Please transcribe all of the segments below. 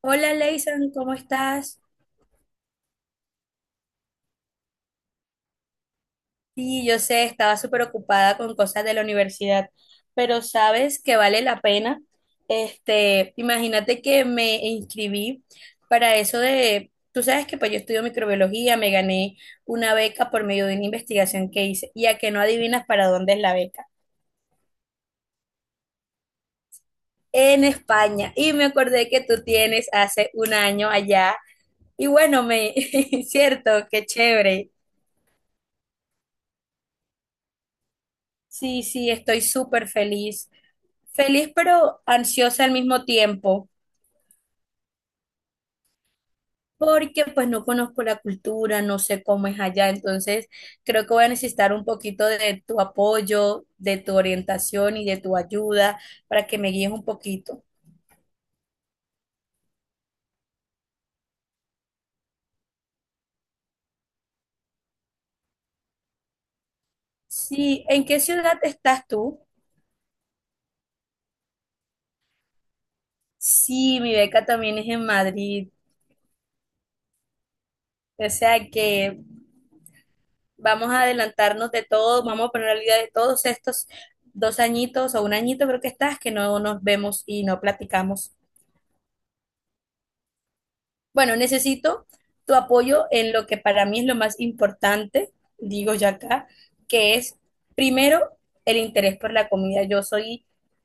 Hola, Leyson, ¿cómo estás? Sí, yo sé, estaba súper ocupada con cosas de la universidad, pero sabes que vale la pena. Imagínate que me inscribí para eso de, tú sabes que pues yo estudio microbiología, me gané una beca por medio de una investigación que hice, y a que no adivinas para dónde es la beca. En España, y me acordé que tú tienes hace un año allá, y bueno, me, cierto, qué chévere. Sí, sí, estoy súper feliz. Feliz pero ansiosa al mismo tiempo, porque pues no conozco la cultura, no sé cómo es allá, entonces creo que voy a necesitar un poquito de tu apoyo, de tu orientación y de tu ayuda para que me guíes un poquito. Sí, ¿en qué ciudad estás tú? Sí, mi beca también es en Madrid, o sea que vamos a adelantarnos de todo, vamos a poner al día de todos estos dos añitos o un añito creo que estás, que no nos vemos y no platicamos. Bueno, necesito tu apoyo en lo que para mí es lo más importante, digo ya acá, que es primero el interés por la comida. Yo soy,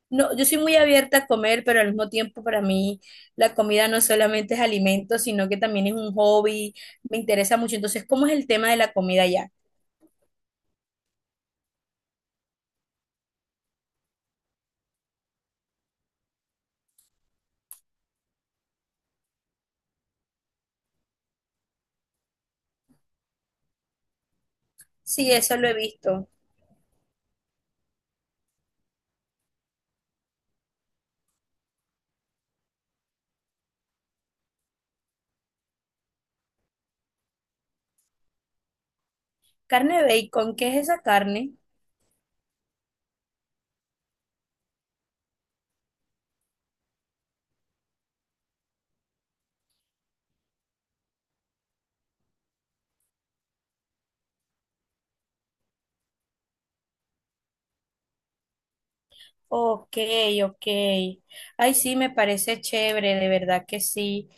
no, yo soy muy abierta a comer, pero al mismo tiempo para mí la comida no solamente es alimento, sino que también es un hobby, me interesa mucho. Entonces, ¿cómo es el tema de la comida ya? Sí, eso lo he visto. Carne bacon, ¿qué es esa carne? Ok, ok. Ay, sí, me parece chévere, de verdad que sí.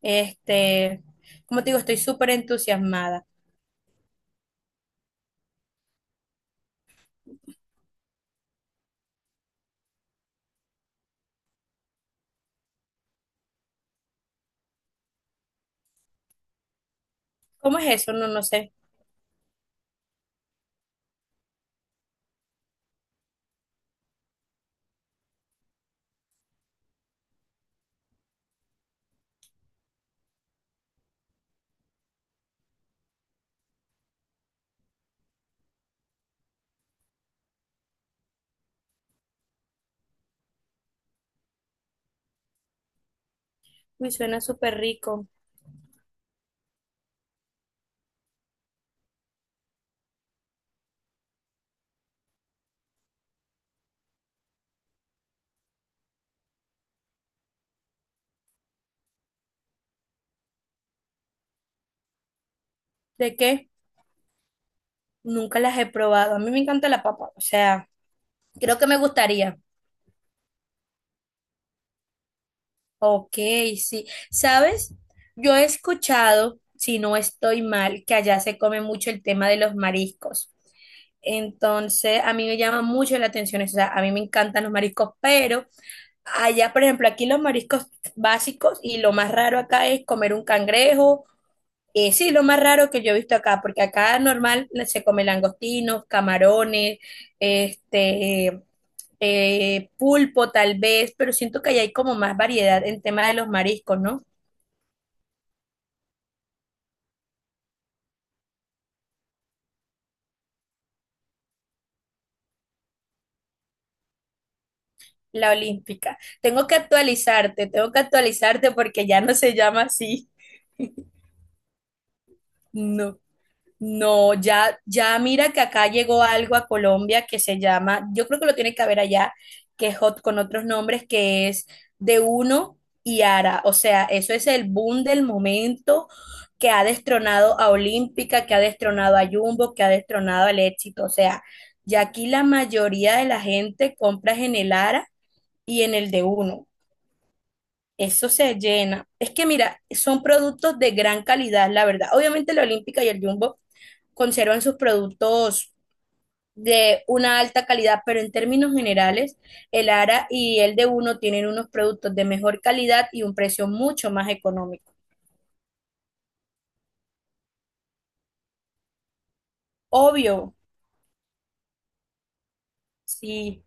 Este, Como te digo, estoy súper entusiasmada. ¿Cómo es eso? No, no sé. Uy, suena súper rico. ¿De qué? Nunca las he probado. A mí me encanta la papa, o sea, creo que me gustaría. Ok, sí. ¿Sabes? Yo he escuchado, si no estoy mal, que allá se come mucho el tema de los mariscos. Entonces, a mí me llama mucho la atención eso. O sea, a mí me encantan los mariscos, pero... Allá, por ejemplo, aquí los mariscos básicos y lo más raro acá es comer un cangrejo. Sí, lo más raro que yo he visto acá, porque acá normal se come langostinos, camarones, este, pulpo tal vez, pero siento que allá hay como más variedad en tema de los mariscos, ¿no? La olímpica. Tengo que actualizarte porque ya no se llama así. No. No, ya, ya mira que acá llegó algo a Colombia que se llama, yo creo que lo tiene que haber allá, que es hot con otros nombres, que es de uno y Ara. O sea, eso es el boom del momento que ha destronado a Olímpica, que ha destronado a Jumbo, que ha destronado al Éxito. O sea, ya aquí la mayoría de la gente compras en el Ara y en el de uno. Eso se llena. Es que mira, son productos de gran calidad, la verdad. Obviamente la Olímpica y el Jumbo conservan sus productos de una alta calidad, pero en términos generales, el ARA y el de uno tienen unos productos de mejor calidad y un precio mucho más económico. Obvio, sí,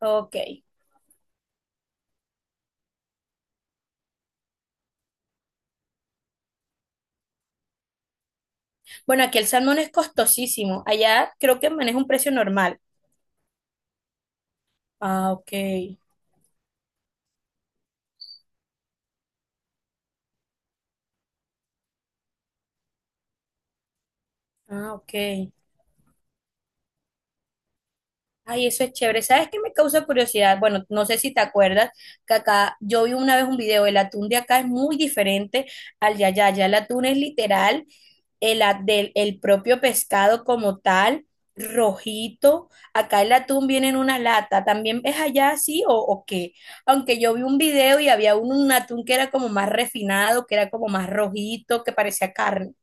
ok. Bueno, aquí el salmón es costosísimo. Allá creo que maneja un precio normal. Ah, ok. Ah, ok. Ay, eso es chévere. ¿Sabes qué me causa curiosidad? Bueno, no sé si te acuerdas que acá yo vi una vez un video, el atún de acá es muy diferente al de allá. Allá el atún es literal el, del, el propio pescado como tal, rojito. Acá el atún viene en una lata. ¿También es allá así o qué? Aunque yo vi un video y había un atún que era como más refinado, que era como más rojito, que parecía carne.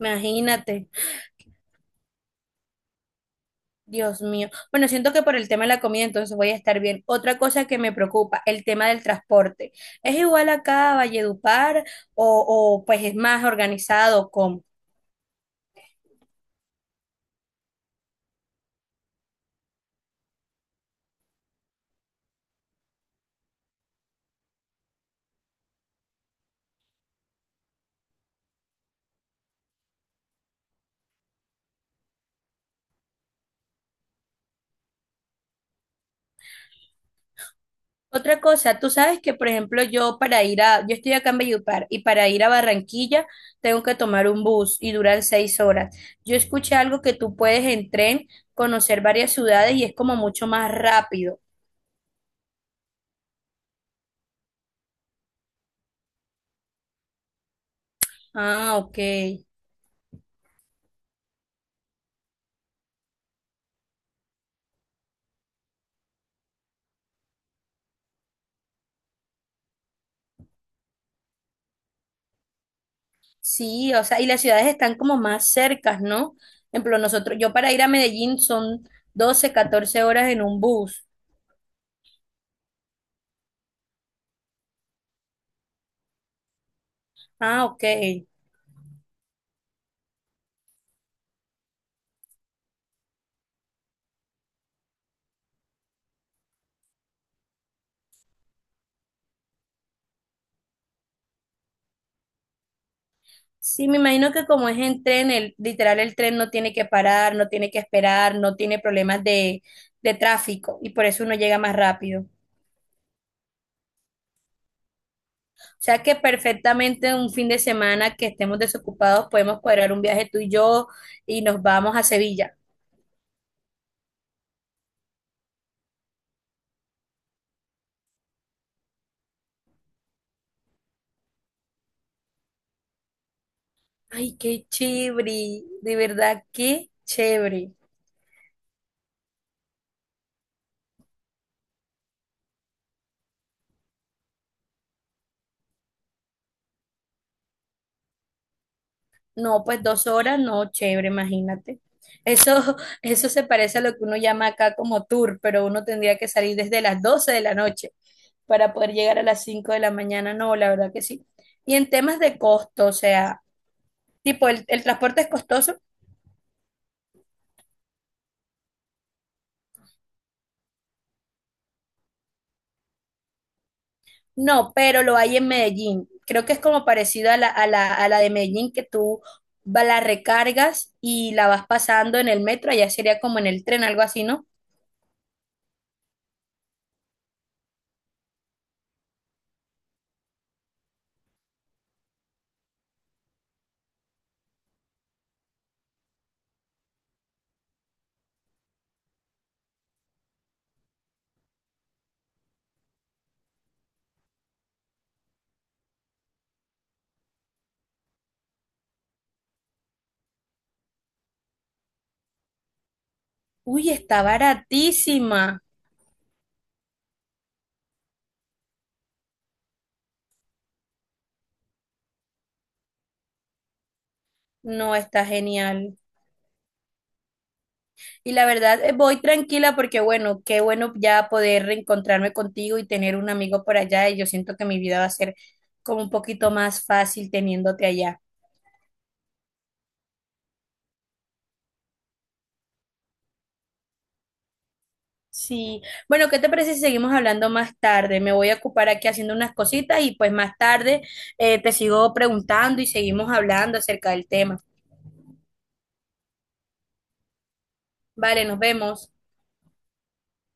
Imagínate. Dios mío. Bueno, siento que por el tema de la comida entonces voy a estar bien. Otra cosa que me preocupa, el tema del transporte. ¿Es igual acá a Valledupar o pues es más organizado como? Otra cosa, tú sabes que por ejemplo yo para ir a, yo estoy acá en Valledupar y para ir a Barranquilla tengo que tomar un bus y duran 6 horas. Yo escuché algo que tú puedes en tren conocer varias ciudades y es como mucho más rápido. Ah, ok. Sí, o sea, y las ciudades están como más cercas, ¿no? Por ejemplo, nosotros, yo para ir a Medellín son 12 14 horas en un bus. Ah, ok. Sí, me imagino que como es en tren, el, literal el tren no tiene que parar, no tiene que esperar, no tiene problemas de tráfico y por eso uno llega más rápido. O sea que perfectamente un fin de semana que estemos desocupados podemos cuadrar un viaje tú y yo y nos vamos a Sevilla. Ay, qué chévere, de verdad, qué chévere. No, pues 2 horas, no, chévere, imagínate. Eso, eso se parece a lo que uno llama acá como tour, pero uno tendría que salir desde las 12 de la noche para poder llegar a las 5 de la mañana. No, la verdad que sí. Y en temas de costo, o sea, tipo, el transporte es costoso? No, pero lo hay en Medellín. Creo que es como parecido a la, a la, a la de Medellín, que tú la recargas y la vas pasando en el metro, allá sería como en el tren, algo así, ¿no? Uy, está baratísima. No, está genial. Y la verdad, voy tranquila porque, bueno, qué bueno ya poder reencontrarme contigo y tener un amigo por allá. Y yo siento que mi vida va a ser como un poquito más fácil teniéndote allá. Sí. Bueno, ¿qué te parece si seguimos hablando más tarde? Me voy a ocupar aquí haciendo unas cositas y pues más tarde te sigo preguntando y seguimos hablando acerca del tema. Vale, nos vemos.